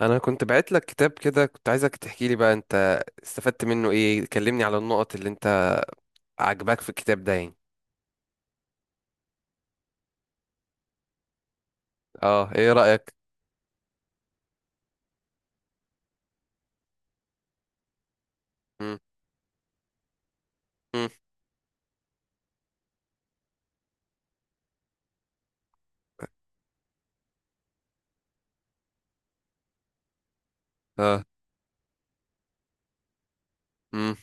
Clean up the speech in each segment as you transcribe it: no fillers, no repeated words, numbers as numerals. انا كنت بعت لك كتاب كده، كنت عايزك تحكي لي بقى انت استفدت منه ايه. كلمني على النقط اللي انت عجباك في الكتاب ده يعني. اه، ايه رأيك؟ مم. مم. اه. مم.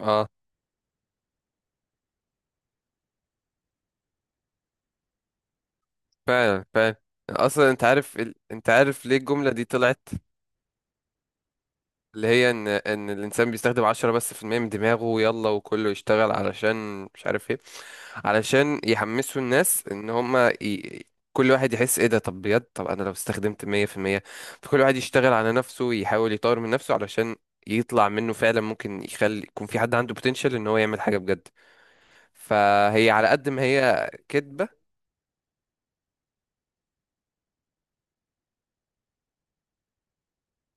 اه، فعلا فعلا. اصلا انت عارف انت عارف ليه الجملة دي طلعت؟ اللي هي ان الانسان بيستخدم 10% بس من دماغه، يلا وكله يشتغل، علشان مش عارف ايه، علشان يحمسوا الناس ان هما. كل واحد يحس ايه ده، طب بجد، طب انا لو استخدمت 100%، فكل واحد يشتغل على نفسه، يحاول يطور من نفسه، علشان يطلع منه فعلا، ممكن يخلي يكون في حد عنده potential ان هو يعمل حاجة بجد. فهي على قد ما هي كدبة.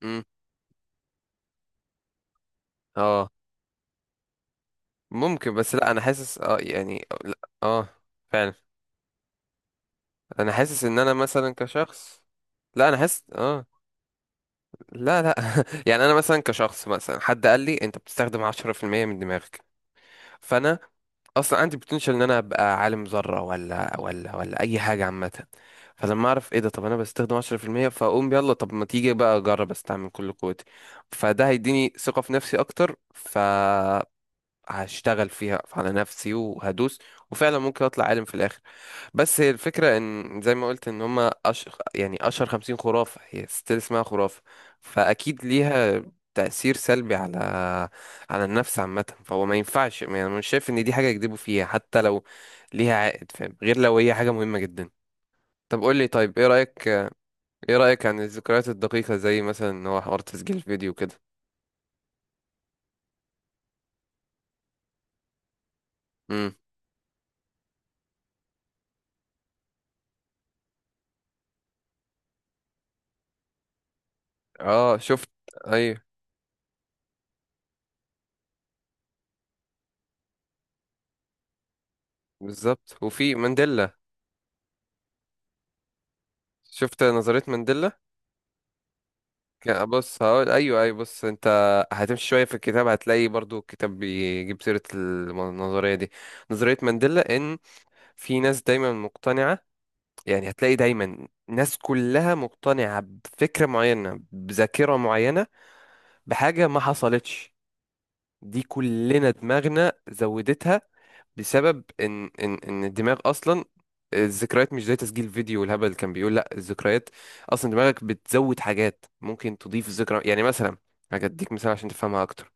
مم. اه، ممكن، بس لا، انا حاسس اه، يعني لا. اه فعلا. انا حاسس ان انا مثلا كشخص. لا انا حاسس اه. لا لا، يعني انا مثلا كشخص، مثلا حد قال لي انت بتستخدم 10% من دماغك، فانا اصلا عندي بوتنشال ان انا ابقى عالم ذره ولا ولا اي حاجه عامه. فلما اعرف ايه ده، طب انا بستخدم 10%، فاقوم يلا، طب ما تيجي بقى اجرب استعمل كل قوتي. فده هيديني ثقه في نفسي اكتر، ف هشتغل فيها على نفسي وهدوس، وفعلا ممكن اطلع عالم في الاخر. بس هي الفكره ان زي ما قلت ان هما، يعني اشهر 50 خرافه، هي ستيل اسمها خرافه، فاكيد ليها تأثير سلبي على على النفس عامة. فهو ما ينفعش، يعني أنا مش شايف إن دي حاجة يكذبوا فيها حتى لو ليها عائد، فاهم؟ غير لو هي حاجة مهمة جدا. طب قول لي، طيب إيه رأيك؟ إيه رأيك عن الذكريات الدقيقة، زي مثلا إن هو حوار تسجيل الفيديو كده؟ امم. اه شفت. أيوه بالظبط. وفي مانديلا، شفت نظرية مانديلا؟ بص هقول ايوه ايوه، بص انت هتمشي شوية في الكتاب، هتلاقي برضو الكتاب بيجيب سيرة النظرية دي، نظرية مانديلا. ان في ناس دايما مقتنعة، يعني هتلاقي دايما ناس كلها مقتنعة بفكرة معينة، بذاكرة معينة، بحاجة ما حصلتش. دي كلنا دماغنا زودتها، بسبب ان ان الدماغ اصلا، الذكريات مش زي تسجيل فيديو والهبل اللي كان بيقول. لا الذكريات اصلا دماغك بتزود حاجات، ممكن تضيف ذكرى. يعني مثلا هديك مثال عشان تفهمها اكتر.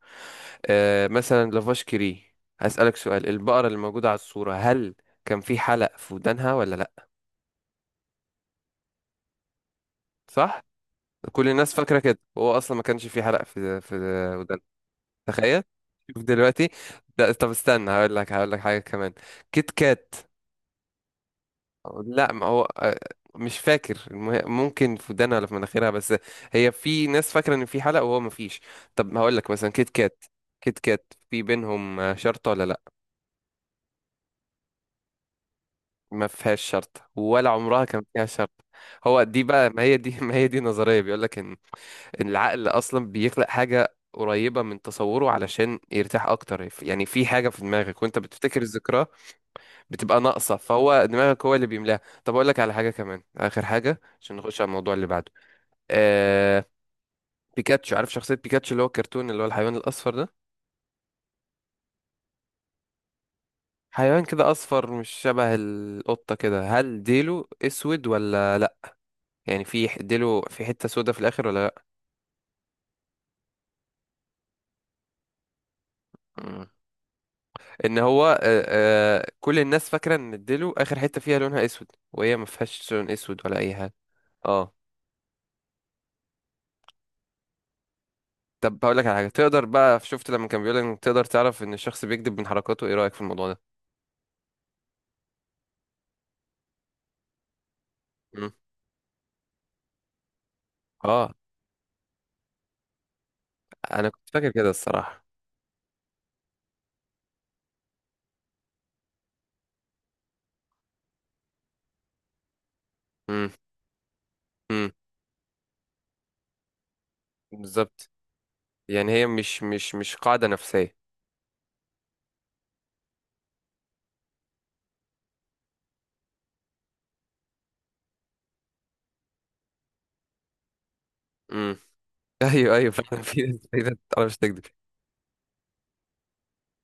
آه مثلا لافاش كيري، هسألك سؤال، البقرة اللي موجودة على الصورة، هل كان في حلق في ودانها ولا لا؟ صح. كل الناس فاكرة كده، وهو اصلا ما كانش في حلق في ودانها. تخيل. شوف دلوقتي. لا طب استنى، هقول لك هقول لك حاجة كمان. كيت كات. لا ما هو مش فاكر ممكن في ودانها ولا في مناخيرها، بس هي في ناس فاكره ان في حلقه وهو ما فيش. طب هقول لك مثلا كيت كات، كيت كات في بينهم شرطه ولا لا؟ ما فيهاش شرطه، ولا عمرها كان فيها شرطه. هو دي بقى، ما هي دي ما هي دي نظريه، بيقول لك ان إن العقل اصلا بيخلق حاجه قريبه من تصوره علشان يرتاح اكتر. يعني في حاجه في دماغك وانت بتفتكر الذكرى بتبقى ناقصه، فهو دماغك هو اللي بيملاها. طب اقول لك على حاجه كمان، اخر حاجه عشان نخش على الموضوع اللي بعده. آه، بيكاتشو، عارف شخصية بيكاتشو؟ اللي هو الكرتون، اللي هو الحيوان الأصفر ده، حيوان كده أصفر، مش شبه القطة كده. هل ديله أسود ولا لأ؟ يعني في ديله في حتة سودا في الآخر ولا لأ؟ مم. إن هو آه، كل الناس فاكرة إن ديله آخر حتة فيها لونها أسود، وهي ما فيهاش لون أسود ولا أي حاجة. اه. طب هقول لك على حاجة تقدر بقى، شفت لما كان بيقول إن تقدر تعرف إن الشخص بيكذب من حركاته، إيه رأيك في الموضوع ده؟ مم. اه. أنا كنت فاكر كده الصراحة. مم. مم. بالظبط، يعني هي مش قاعدة نفسية. امم. ايوه ايوه فعلا، في ناس كتير، انا مش تكذب.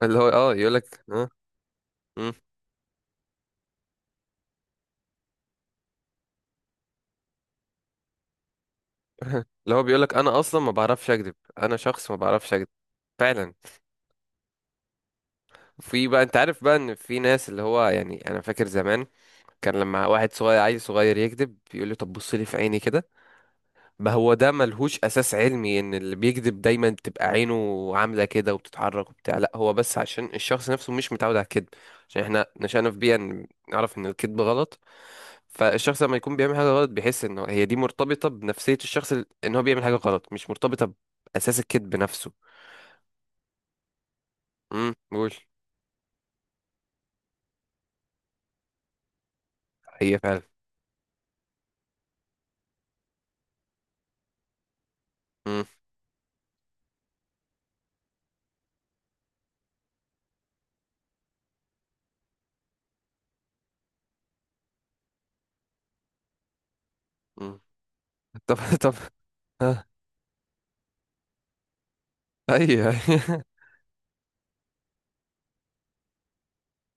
اللي هو اه يقول لك اه. امم. اللي هو بيقول لك انا اصلا ما بعرفش اكذب، انا شخص ما بعرفش اكذب. فعلا. في بقى، انت عارف بقى ان في ناس، اللي هو يعني انا فاكر زمان، كان لما واحد صغير، عيل صغير يكذب، يقول لي طب بص لي في عيني كده. ما هو ده ملهوش اساس علمي، ان اللي بيكذب دايما بتبقى عينه عامله كده وبتتحرك وبتاع. لا هو بس عشان الشخص نفسه مش متعود على الكذب، عشان احنا نشأنا في بيئه نعرف ان الكذب غلط. فالشخص لما يكون بيعمل حاجه غلط، بيحس ان هي دي مرتبطه بنفسيه الشخص، ان هو بيعمل حاجه غلط، مش مرتبطه باساس الكذب نفسه. امم، قول. هي فعلا. امم. امم. طب طب. آه، ايوه. أيوة.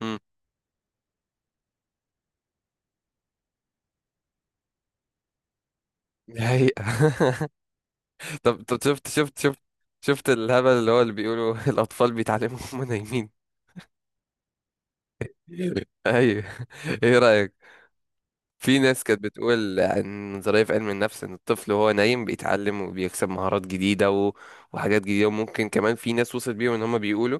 امم. دي حقيقة. طب طب، شفت شفت شفت. شفت الهبل اللي هو اللي بيقولوا الأطفال بيتعلموا وهم نايمين؟ أيوه. إيه رأيك في ناس كانت بتقول عن نظرية في علم النفس إن الطفل وهو نايم بيتعلم، وبيكسب مهارات جديدة وحاجات جديدة، وممكن كمان في ناس وصلت بيهم إن هم بيقولوا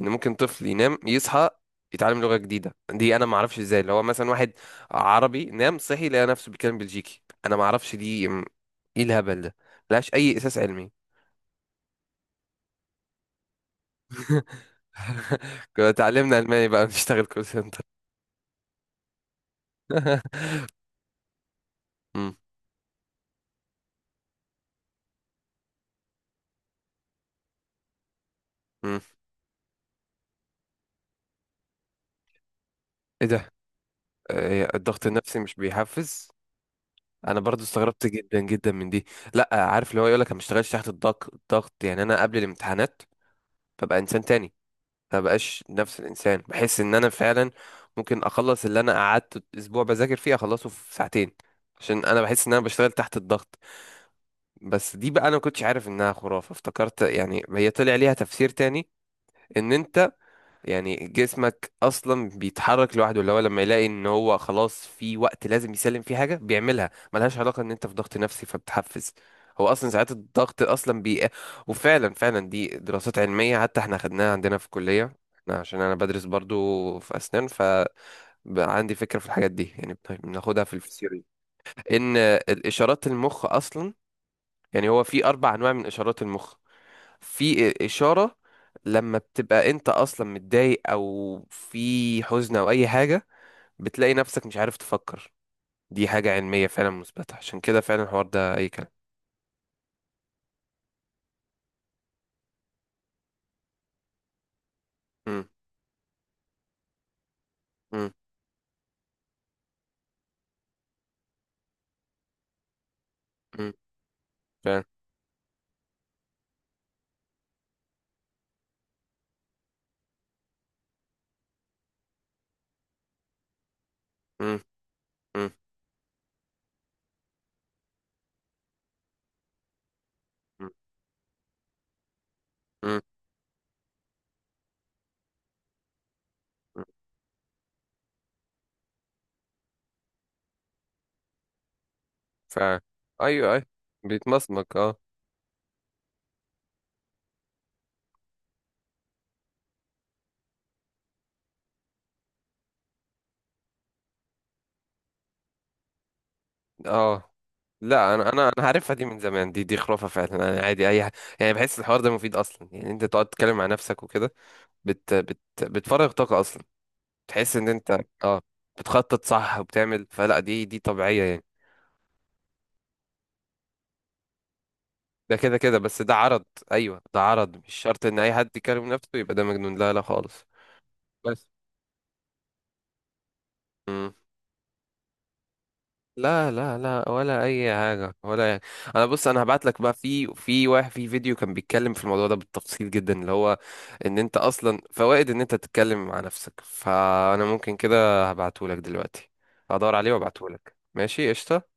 إن ممكن طفل ينام يصحى يتعلم لغة جديدة. دي أنا ما أعرفش إزاي، اللي هو مثلا واحد عربي نام صحي لقى نفسه بيتكلم بلجيكي؟ أنا ما أعرفش دي إيه الهبل ده، ملهاش أي أساس علمي. كنا اتعلمنا الماني بقى نشتغل كول سنتر. مم. مم. ايه ده؟ إيه الضغط النفسي مش بيحفز؟ انا برضو استغربت جدا جدا من دي. لا عارف، اللي هو يقولك انا ما اشتغلش تحت الضغط. الضغط يعني انا قبل الامتحانات ببقى انسان تاني، ما بقاش نفس الانسان، بحس ان انا فعلا ممكن اخلص اللي انا قعدت اسبوع بذاكر فيه اخلصه في ساعتين، عشان انا بحس ان انا بشتغل تحت الضغط. بس دي بقى انا ما كنتش عارف انها خرافة، افتكرت يعني هي طلع ليها تفسير تاني، ان انت يعني جسمك اصلا بيتحرك لوحده، اللي هو لما يلاقي ان هو خلاص في وقت لازم يسلم فيه حاجه بيعملها، ملهاش علاقه ان انت في ضغط نفسي فبتحفز. هو اصلا ساعات الضغط اصلا وفعلا فعلا دي دراسات علميه حتى احنا خدناها عندنا في الكليه، احنا عشان انا بدرس برضو في اسنان، فعندي فكره في الحاجات دي، يعني بناخدها في الفسيوري، ان الاشارات المخ اصلا، يعني هو في 4 انواع من اشارات المخ. في إشارة لما بتبقى أنت أصلا متضايق أو في حزن أو أي حاجة، بتلاقي نفسك مش عارف تفكر. دي حاجة علمية فعلا مثبتة، عشان كده فعلا الحوار ده أي كلام. مم، مم، مم، فعلا. مم، مم، مم، مم، مم، فعلا. أيوه أيوه، بيتمسمك أه. أه، لا أنا أنا أنا عارفها دي من زمان، دي دي خرافة فعلا. أنا عادي أي يعني بحس الحوار ده مفيد أصلا، يعني أنت تقعد تتكلم مع نفسك وكده، بت بت بتفرغ طاقة أصلا، تحس ان انت اه بتخطط صح وبتعمل، فلا دي دي طبيعية يعني. ده كده كده، بس ده عرض. ايوه، ده عرض، مش شرط ان اي حد يكلم نفسه يبقى ده مجنون، لا لا خالص. بس. مم. لا لا لا، ولا اي حاجة ولا يعني. انا بص، انا هبعت لك بقى في واحد في فيديو كان بيتكلم في الموضوع ده بالتفصيل جدا، اللي هو ان انت اصلا فوائد ان انت تتكلم مع نفسك، فانا ممكن كده هبعته لك دلوقتي، هدور عليه وابعته لك. ماشي، قشطة.